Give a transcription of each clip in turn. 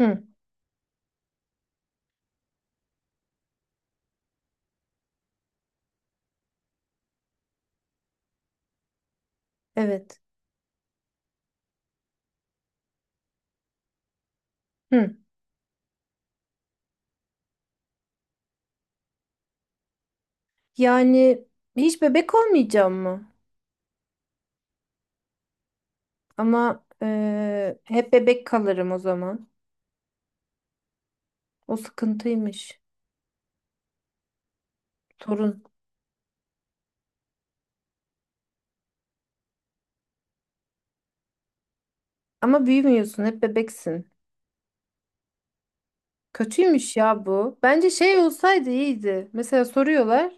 Hı, evet. Hı. Yani hiç bebek olmayacağım mı? Ama hep bebek kalırım o zaman. O sıkıntıymış. Torun. Ama büyümüyorsun, hep bebeksin. Kötüymüş ya bu. Bence şey olsaydı iyiydi. Mesela soruyorlar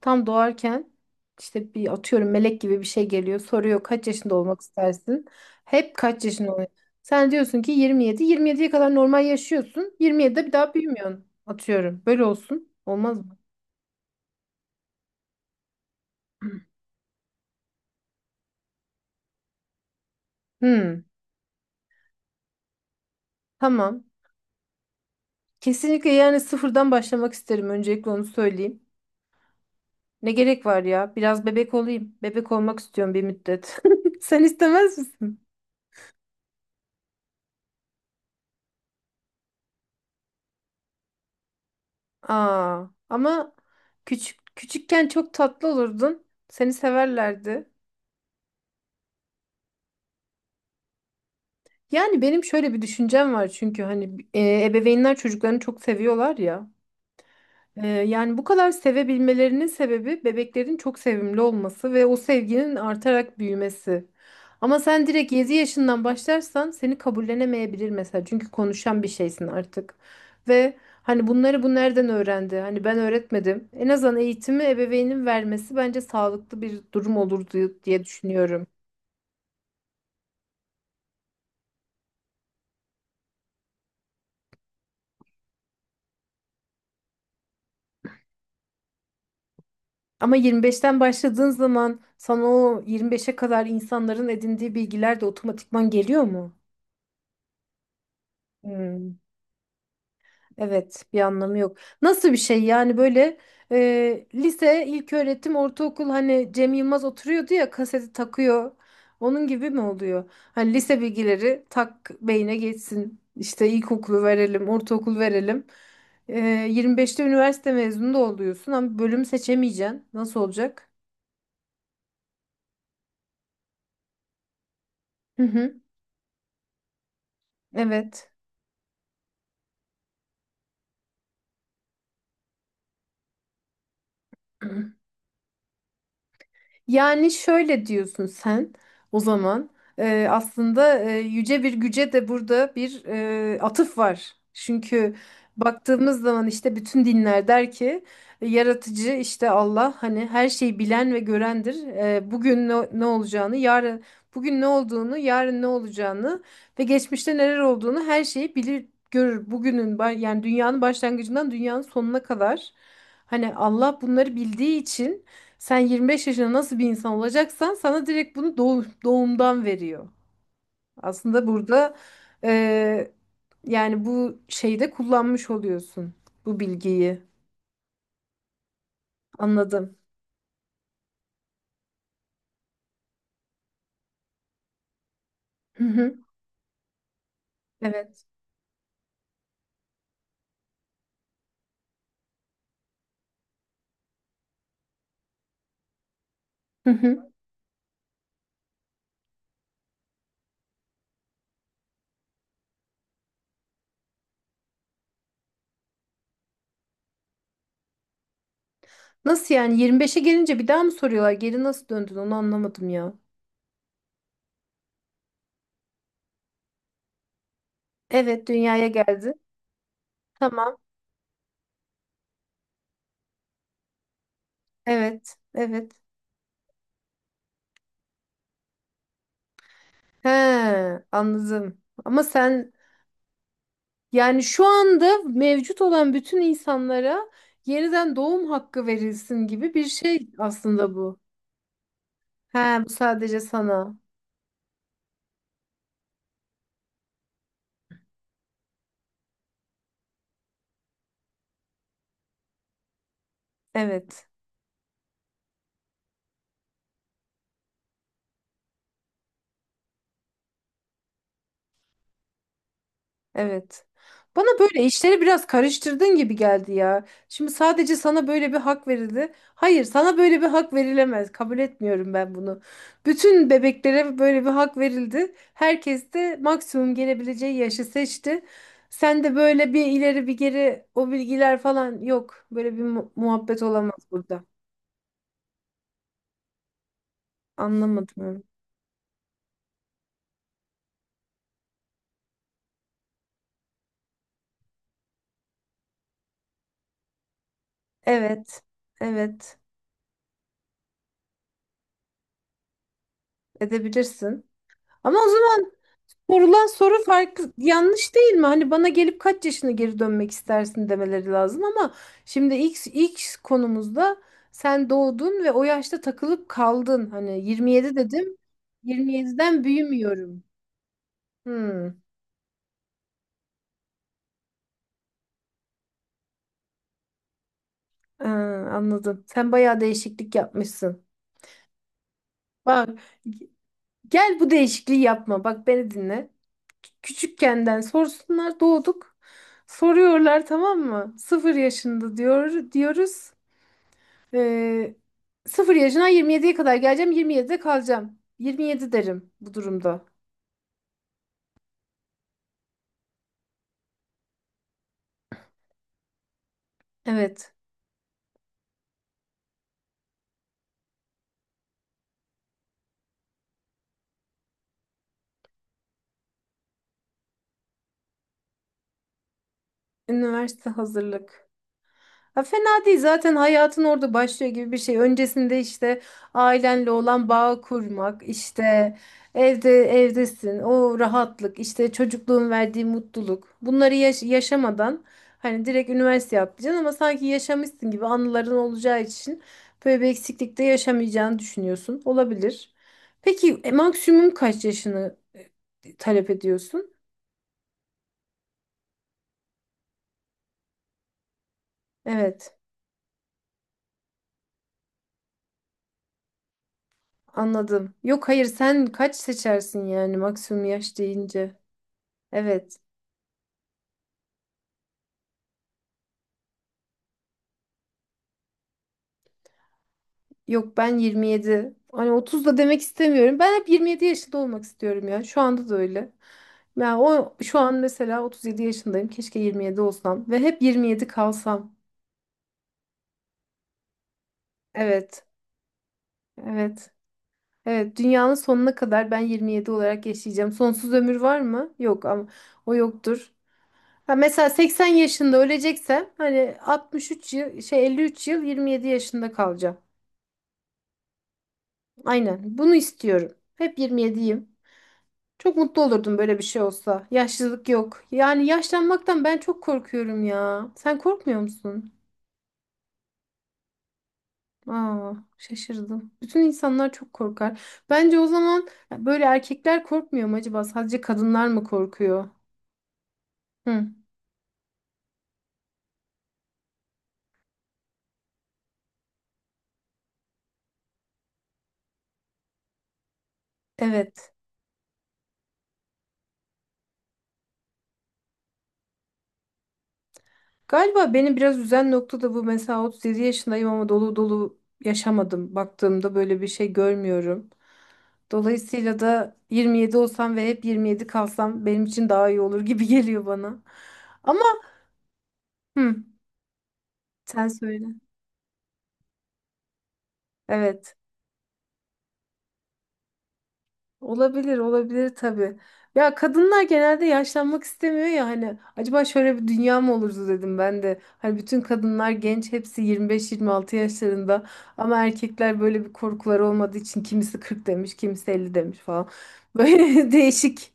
tam doğarken işte bir atıyorum melek gibi bir şey geliyor. Soruyor kaç yaşında olmak istersin? Hep kaç yaşında oluyor? Sen diyorsun ki 27. 27'ye kadar normal yaşıyorsun. 27'de bir daha büyümüyorsun. Atıyorum. Böyle olsun. Olmaz mı? Hmm, tamam. Kesinlikle yani sıfırdan başlamak isterim. Öncelikle onu söyleyeyim. Ne gerek var ya? Biraz bebek olayım. Bebek olmak istiyorum bir müddet. Sen istemez misin? Aa, ama küçük küçükken çok tatlı olurdun. Seni severlerdi. Yani benim şöyle bir düşüncem var, çünkü hani ebeveynler çocuklarını çok seviyorlar ya. Yani bu kadar sevebilmelerinin sebebi bebeklerin çok sevimli olması ve o sevginin artarak büyümesi. Ama sen direkt 7 yaşından başlarsan seni kabullenemeyebilir mesela. Çünkü konuşan bir şeysin artık. Ve hani bunları bu nereden öğrendi? Hani ben öğretmedim. En azından eğitimi ebeveynin vermesi bence sağlıklı bir durum olur diye düşünüyorum. Ama 25'ten başladığın zaman sana o 25'e kadar insanların edindiği bilgiler de otomatikman geliyor mu? Hmm. Evet, bir anlamı yok. Nasıl bir şey yani? Böyle lise, ilköğretim, ortaokul, hani Cem Yılmaz oturuyordu ya, kaseti takıyor. Onun gibi mi oluyor? Hani lise bilgileri tak beyne geçsin. İşte ilkokulu verelim, ortaokul verelim. E, 25'te üniversite mezunu da oluyorsun ama bölüm seçemeyeceksin. Nasıl olacak? Hı hı, evet. Yani şöyle diyorsun sen o zaman. Aslında yüce bir güce de burada bir atıf var. Çünkü baktığımız zaman işte bütün dinler der ki yaratıcı, işte Allah, hani her şeyi bilen ve görendir. Bugün ne olacağını yarın, bugün ne olduğunu, yarın ne olacağını ve geçmişte neler olduğunu, her şeyi bilir görür. Yani dünyanın başlangıcından dünyanın sonuna kadar, hani Allah bunları bildiği için sen 25 yaşında nasıl bir insan olacaksan sana direkt bunu doğumdan veriyor. Aslında burada eee, yani bu şeyde kullanmış oluyorsun bu bilgiyi. Anladım. Hı hı. Evet. Hı hı. Nasıl yani, 25'e gelince bir daha mı soruyorlar? Geri nasıl döndün? Onu anlamadım ya. Evet, dünyaya geldi. Tamam. Evet. Evet. He, anladım. Ama sen Yani şu anda mevcut olan bütün insanlara yeniden doğum hakkı verilsin gibi bir şey aslında bu. He, bu sadece sana. Evet. Evet. Bana böyle işleri biraz karıştırdığın gibi geldi ya. Şimdi sadece sana böyle bir hak verildi. Hayır, sana böyle bir hak verilemez. Kabul etmiyorum ben bunu. Bütün bebeklere böyle bir hak verildi. Herkes de maksimum gelebileceği yaşı seçti. Sen de böyle bir ileri bir geri, o bilgiler falan yok. Böyle bir muhabbet olamaz burada. Anlamadım. Evet. Evet. Edebilirsin. Ama o zaman Sorulan soru farklı, yanlış değil mi? Hani bana gelip kaç yaşına geri dönmek istersin demeleri lazım ama şimdi ilk konumuzda sen doğdun ve o yaşta takılıp kaldın. Hani 27 dedim. 27'den büyümüyorum. Hmm, ha, anladım. Sen bayağı değişiklik yapmışsın. Bak, gel bu değişikliği yapma. Bak, beni dinle. Küçükkenden sorsunlar, doğduk. Soruyorlar tamam mı? Sıfır yaşında diyor diyoruz. Ee, 0 yaşına 27'ye kadar geleceğim. 27'de kalacağım. 27 derim bu durumda. Evet. Üniversite hazırlık. Ha, fena değil, zaten hayatın orada başlıyor gibi bir şey. Öncesinde işte ailenle olan bağ kurmak, işte evde evdesin, o rahatlık, işte çocukluğun verdiği mutluluk. Bunları yaşamadan hani direkt üniversite yapacaksın ama sanki yaşamışsın gibi anıların olacağı için böyle bir eksiklikte yaşamayacağını düşünüyorsun. Olabilir. Peki maksimum kaç yaşını talep ediyorsun? Evet, anladım. Yok hayır, sen kaç seçersin yani maksimum yaş deyince? Evet. Yok, ben 27. Hani 30 da demek istemiyorum. Ben hep 27 yaşında olmak istiyorum ya. Şu anda da öyle. Ya o şu an mesela 37 yaşındayım. Keşke 27 olsam ve hep 27 kalsam. Evet. Evet. Evet, dünyanın sonuna kadar ben 27 olarak yaşayacağım. Sonsuz ömür var mı? Yok, ama o yoktur. Ha, mesela 80 yaşında öleceksem hani 63 yıl, şey, 53 yıl 27 yaşında kalacağım. Aynen. Bunu istiyorum. Hep 27'yim. Çok mutlu olurdum böyle bir şey olsa. Yaşlılık yok. Yani yaşlanmaktan ben çok korkuyorum ya. Sen korkmuyor musun? Aa, şaşırdım. Bütün insanlar çok korkar. Bence o zaman böyle, erkekler korkmuyor mu acaba? Sadece kadınlar mı korkuyor? Hı, evet. Galiba beni biraz üzen nokta da bu. Mesela 37 yaşındayım ama dolu dolu yaşamadım. Baktığımda böyle bir şey görmüyorum. Dolayısıyla da 27 olsam ve hep 27 kalsam benim için daha iyi olur gibi geliyor bana. Ama hı. Sen söyle. Evet. Olabilir, olabilir tabii. Ya, kadınlar genelde yaşlanmak istemiyor ya, hani acaba şöyle bir dünya mı olurdu dedim ben de. Hani bütün kadınlar genç, hepsi 25-26 yaşlarında, ama erkekler böyle bir korkuları olmadığı için kimisi 40 demiş, kimisi 50 demiş falan. Böyle değişik.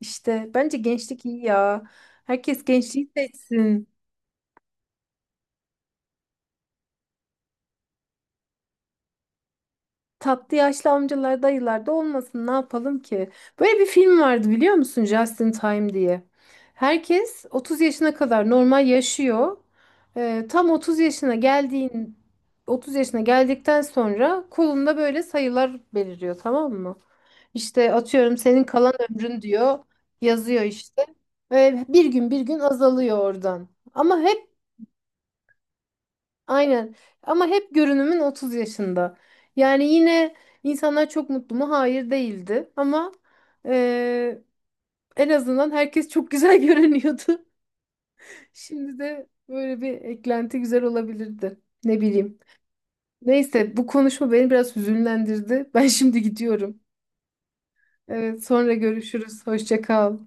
İşte bence gençlik iyi ya. Herkes gençliği seçsin. Tatlı yaşlı amcalar, dayılar da olmasın, ne yapalım ki? Böyle bir film vardı biliyor musun, Just in Time diye. Herkes 30 yaşına kadar normal yaşıyor. Tam 30 yaşına geldikten sonra kolunda böyle sayılar beliriyor, tamam mı? İşte atıyorum, senin kalan ömrün diyor, yazıyor işte. Ve bir gün bir gün azalıyor oradan. Ama hep Aynen. Ama hep görünümün 30 yaşında. Yani yine insanlar çok mutlu mu? Hayır, değildi. Ama eee, en azından herkes çok güzel görünüyordu. Şimdi de böyle bir eklenti güzel olabilirdi. Ne bileyim. Neyse, bu konuşma beni biraz hüzünlendirdi. Ben şimdi gidiyorum. Evet, sonra görüşürüz. Hoşça kal.